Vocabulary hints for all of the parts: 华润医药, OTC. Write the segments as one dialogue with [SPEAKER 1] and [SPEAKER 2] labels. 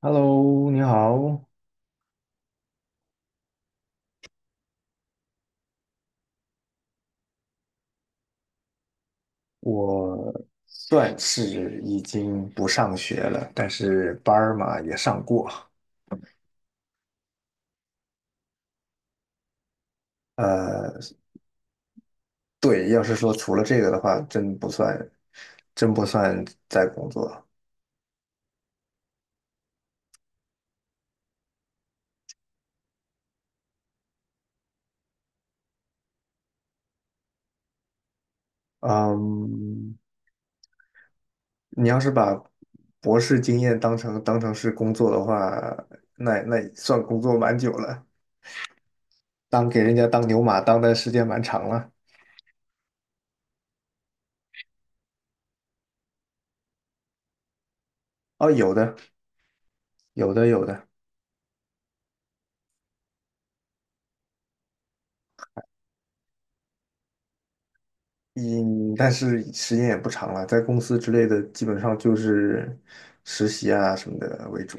[SPEAKER 1] Hello，你好，我算是已经不上学了，但是班儿嘛也上过。呃，对，要是说除了这个的话，真不算在工作。嗯，你要是把博士经验当成是工作的话，那也算工作蛮久了，当给人家当牛马当的时间蛮长了。哦，有的，有的，有的。嗯，但是时间也不长了，在公司之类的，基本上就是实习啊什么的为主。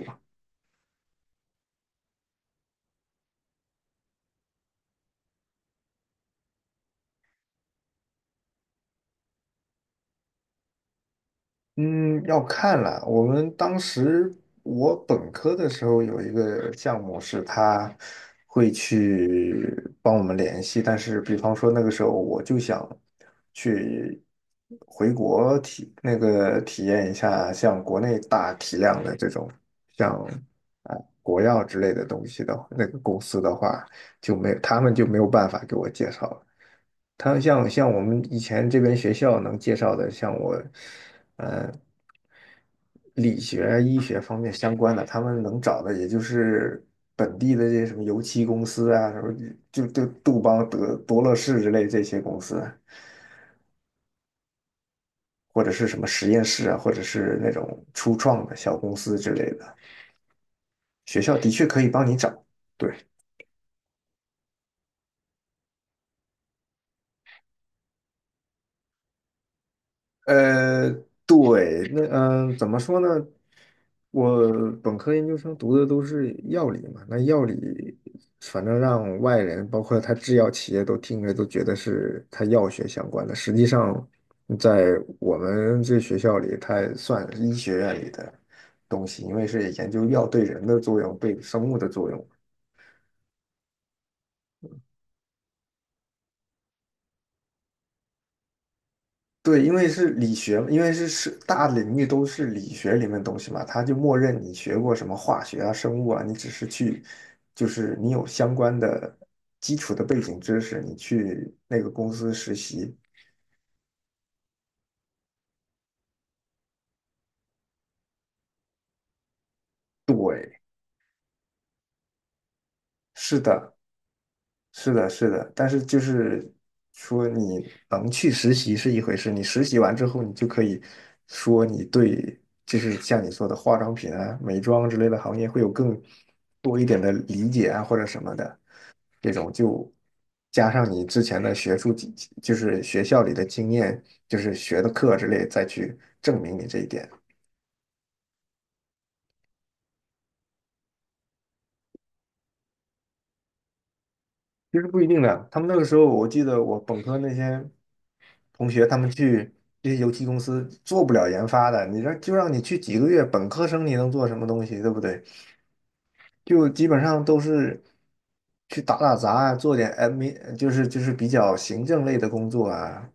[SPEAKER 1] 嗯，要看了。我本科的时候有一个项目是他会去帮我们联系，但是比方说那个时候我就想去回国体那个体验一下像国内大体量的这种像啊、国药之类的东西的那个公司的话，就没有他们就没有办法给我介绍了。他像我们以前这边学校能介绍的，像我，呃，理学、医学方面相关的，他们能找的也就是本地的这些什么油漆公司啊，什么就杜邦、德多乐士之类这些公司，或者是什么实验室啊，或者是那种初创的小公司之类的。学校的确可以帮你找，对。呃，对，那怎么说呢？我本科研究生读的都是药理嘛，那药理反正让外人，包括他制药企业都听着都觉得是他药学相关的，实际上在我们这学校里，它也算是医学院里的东西，因为是研究药对人的作用，对生物的作用。对，因为是理学，因为是大领域都是理学里面的东西嘛，他就默认你学过什么化学啊、生物啊，你只是去，就是你有相关的基础的背景知识，你去那个公司实习。对，是的，是的，是的，但是就是说你能去实习是一回事，你实习完之后，你就可以说你对，就是像你说的化妆品啊、美妆之类的行业会有更多一点的理解啊，或者什么的。这种就加上你之前的学术经，就是学校里的经验，就是学的课之类，再去证明你这一点，其实不一定的。他们那个时候，我记得我本科那些同学，他们去这些油漆公司做不了研发的，就让你去几个月，本科生你能做什么东西，对不对？就基本上都是去打打杂啊，做点 a d 就是比较行政类的工作啊，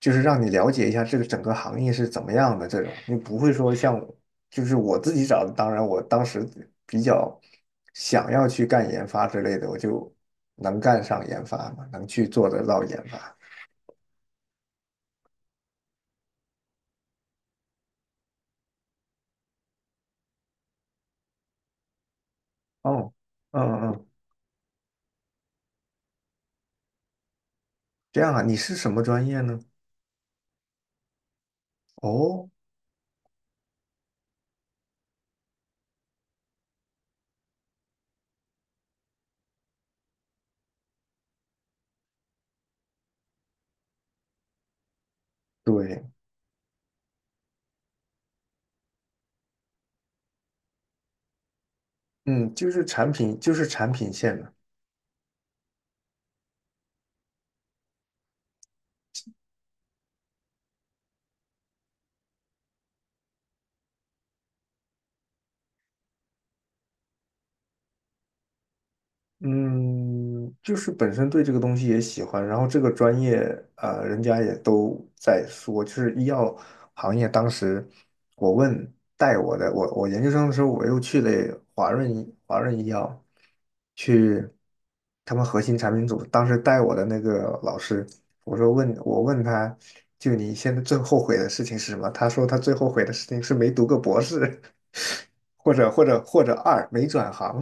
[SPEAKER 1] 就是让你了解一下这个整个行业是怎么样的这种，你不会说像就是我自己找的，当然我当时比较想要去干研发之类的，我就能干上研发嘛，能去做得到研发。哦，嗯嗯，这样啊，你是什么专业呢？哦，对，嗯，就是产品，就是产品线的。嗯，就是本身对这个东西也喜欢，然后这个专业，人家也都在说，就是医药行业。当时我问带我的，我研究生的时候，我又去了华润医药，去他们核心产品组。当时带我的那个老师，我问他，就你现在最后悔的事情是什么？他说他最后悔的事情是没读个博士，或者二没转行。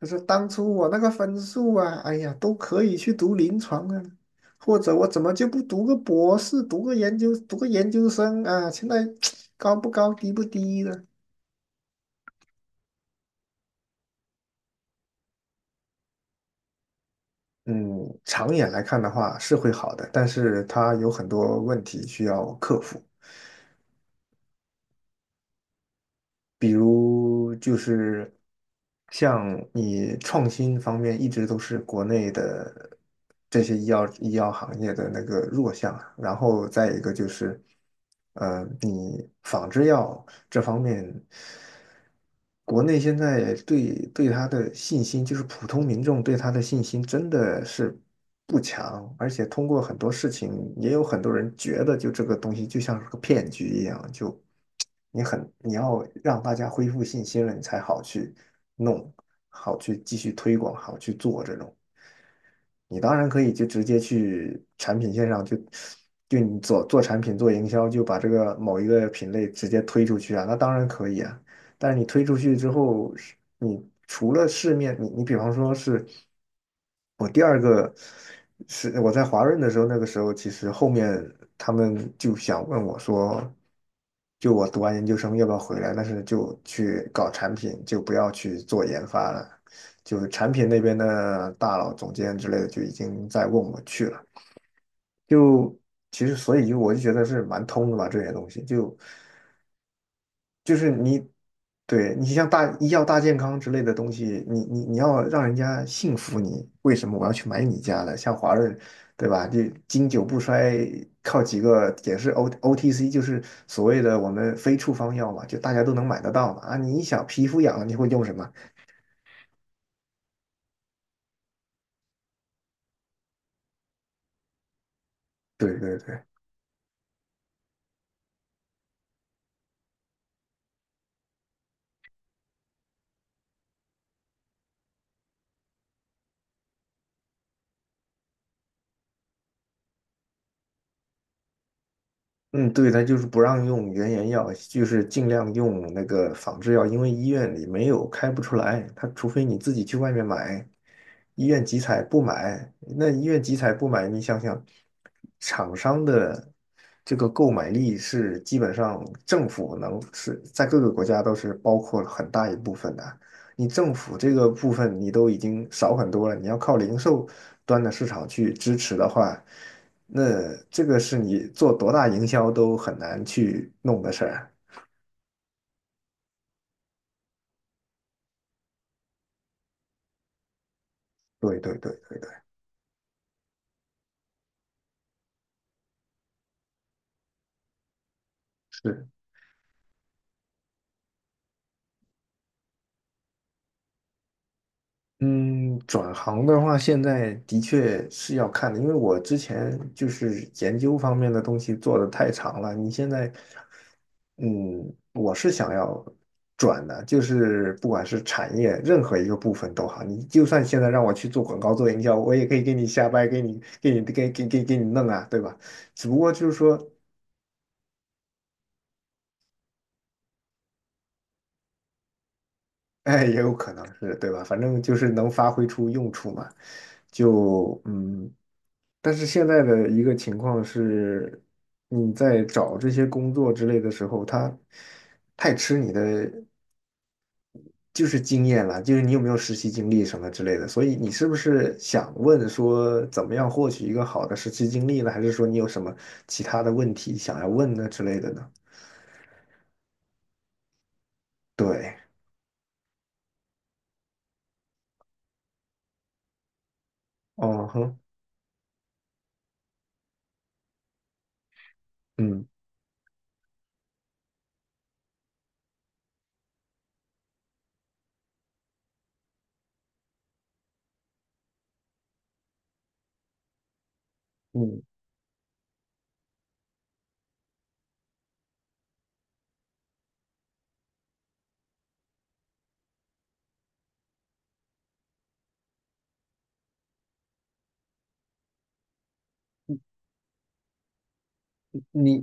[SPEAKER 1] 他说：“当初我那个分数啊，哎呀，都可以去读临床啊，或者我怎么就不读个博士，读个研究生啊？现在 高不高，低不低呢？嗯，长远来看的话是会好的，但是他有很多问题需要克服。比如就是像你创新方面一直都是国内的这些医药行业的那个弱项，然后再一个就是，你仿制药这方面，国内现在对它的信心，就是普通民众对它的信心真的是不强，而且通过很多事情，也有很多人觉得就这个东西就像是个骗局一样，就你要让大家恢复信心了，你才好去弄，好去继续推广，好去做这种。你当然可以就直接去产品线上就你做做产品做营销，就把这个某一个品类直接推出去啊，那当然可以啊。但是你推出去之后，是你除了市面，你比方说是我第二个是我在华润的时候，那个时候其实后面他们就想问我说，就我读完研究生要不要回来，但是就去搞产品，就不要去做研发了。就是产品那边的大佬、总监之类的就已经在问我去了。就其实，所以就我就觉得是蛮通的吧，这些东西就是你对你像大医药大健康之类的东西，你要让人家信服你，为什么我要去买你家的？像华润，对吧？就经久不衰，靠几个也是 OTC，就是所谓的我们非处方药嘛，就大家都能买得到嘛。啊，你一想皮肤痒了，你会用什么？对对对。嗯，对，它就是不让用原研药，就是尽量用那个仿制药，因为医院里没有开不出来，它除非你自己去外面买，医院集采不买，那医院集采不买，你想想，厂商的这个购买力是基本上政府能是在各个国家都是包括了很大一部分的，你政府这个部分你都已经少很多了，你要靠零售端的市场去支持的话。那这个是你做多大营销都很难去弄的事儿啊。对对对对对，是。嗯，转行的话，现在的确是要看的，因为我之前就是研究方面的东西做的太长了。你现在，嗯，我是想要转的，就是不管是产业任何一个部分都好，你就算现在让我去做广告、做营销，我也可以给你瞎掰，给你给你给给给给你弄啊，对吧？只不过就是说。哎，也有可能是，对吧？反正就是能发挥出用处嘛，就嗯。但是现在的一个情况是，你在找这些工作之类的时候，他太吃你的就是经验了，就是你有没有实习经历什么之类的。所以你是不是想问说，怎么样获取一个好的实习经历呢？还是说你有什么其他的问题想要问的之类的呢？对，哦哼，嗯嗯，你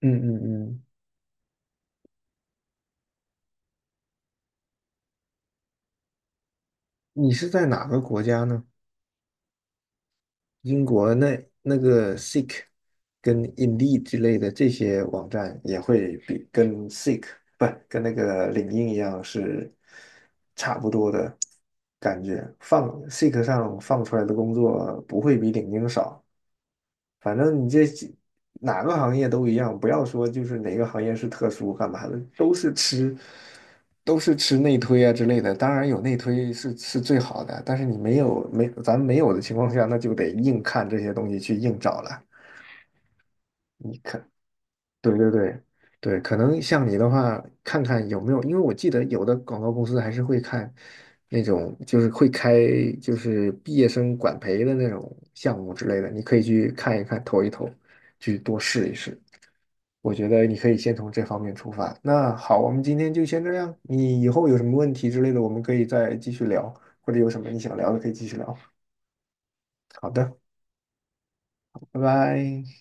[SPEAKER 1] 嗯嗯嗯。你是在哪个国家呢？英国那个 Seek 跟 Indeed 之类的这些网站也会比跟 Seek 不跟那个领英一样是差不多的感觉，放 Seek 上放出来的工作不会比领英少。反正你这哪个行业都一样，不要说就是哪个行业是特殊干嘛的，都是吃内推啊之类的。当然有内推是最好的，但是你没有的情况下，那就得硬看这些东西去硬找了。你看对对对对，可能像你的话，看看有没有，因为我记得有的广告公司还是会看那种，就是毕业生管培的那种项目之类的，你可以去看一看，投一投，去多试一试。我觉得你可以先从这方面出发。那好，我们今天就先这样。你以后有什么问题之类的，我们可以再继续聊，或者有什么你想聊的可以继续聊。好的，拜拜。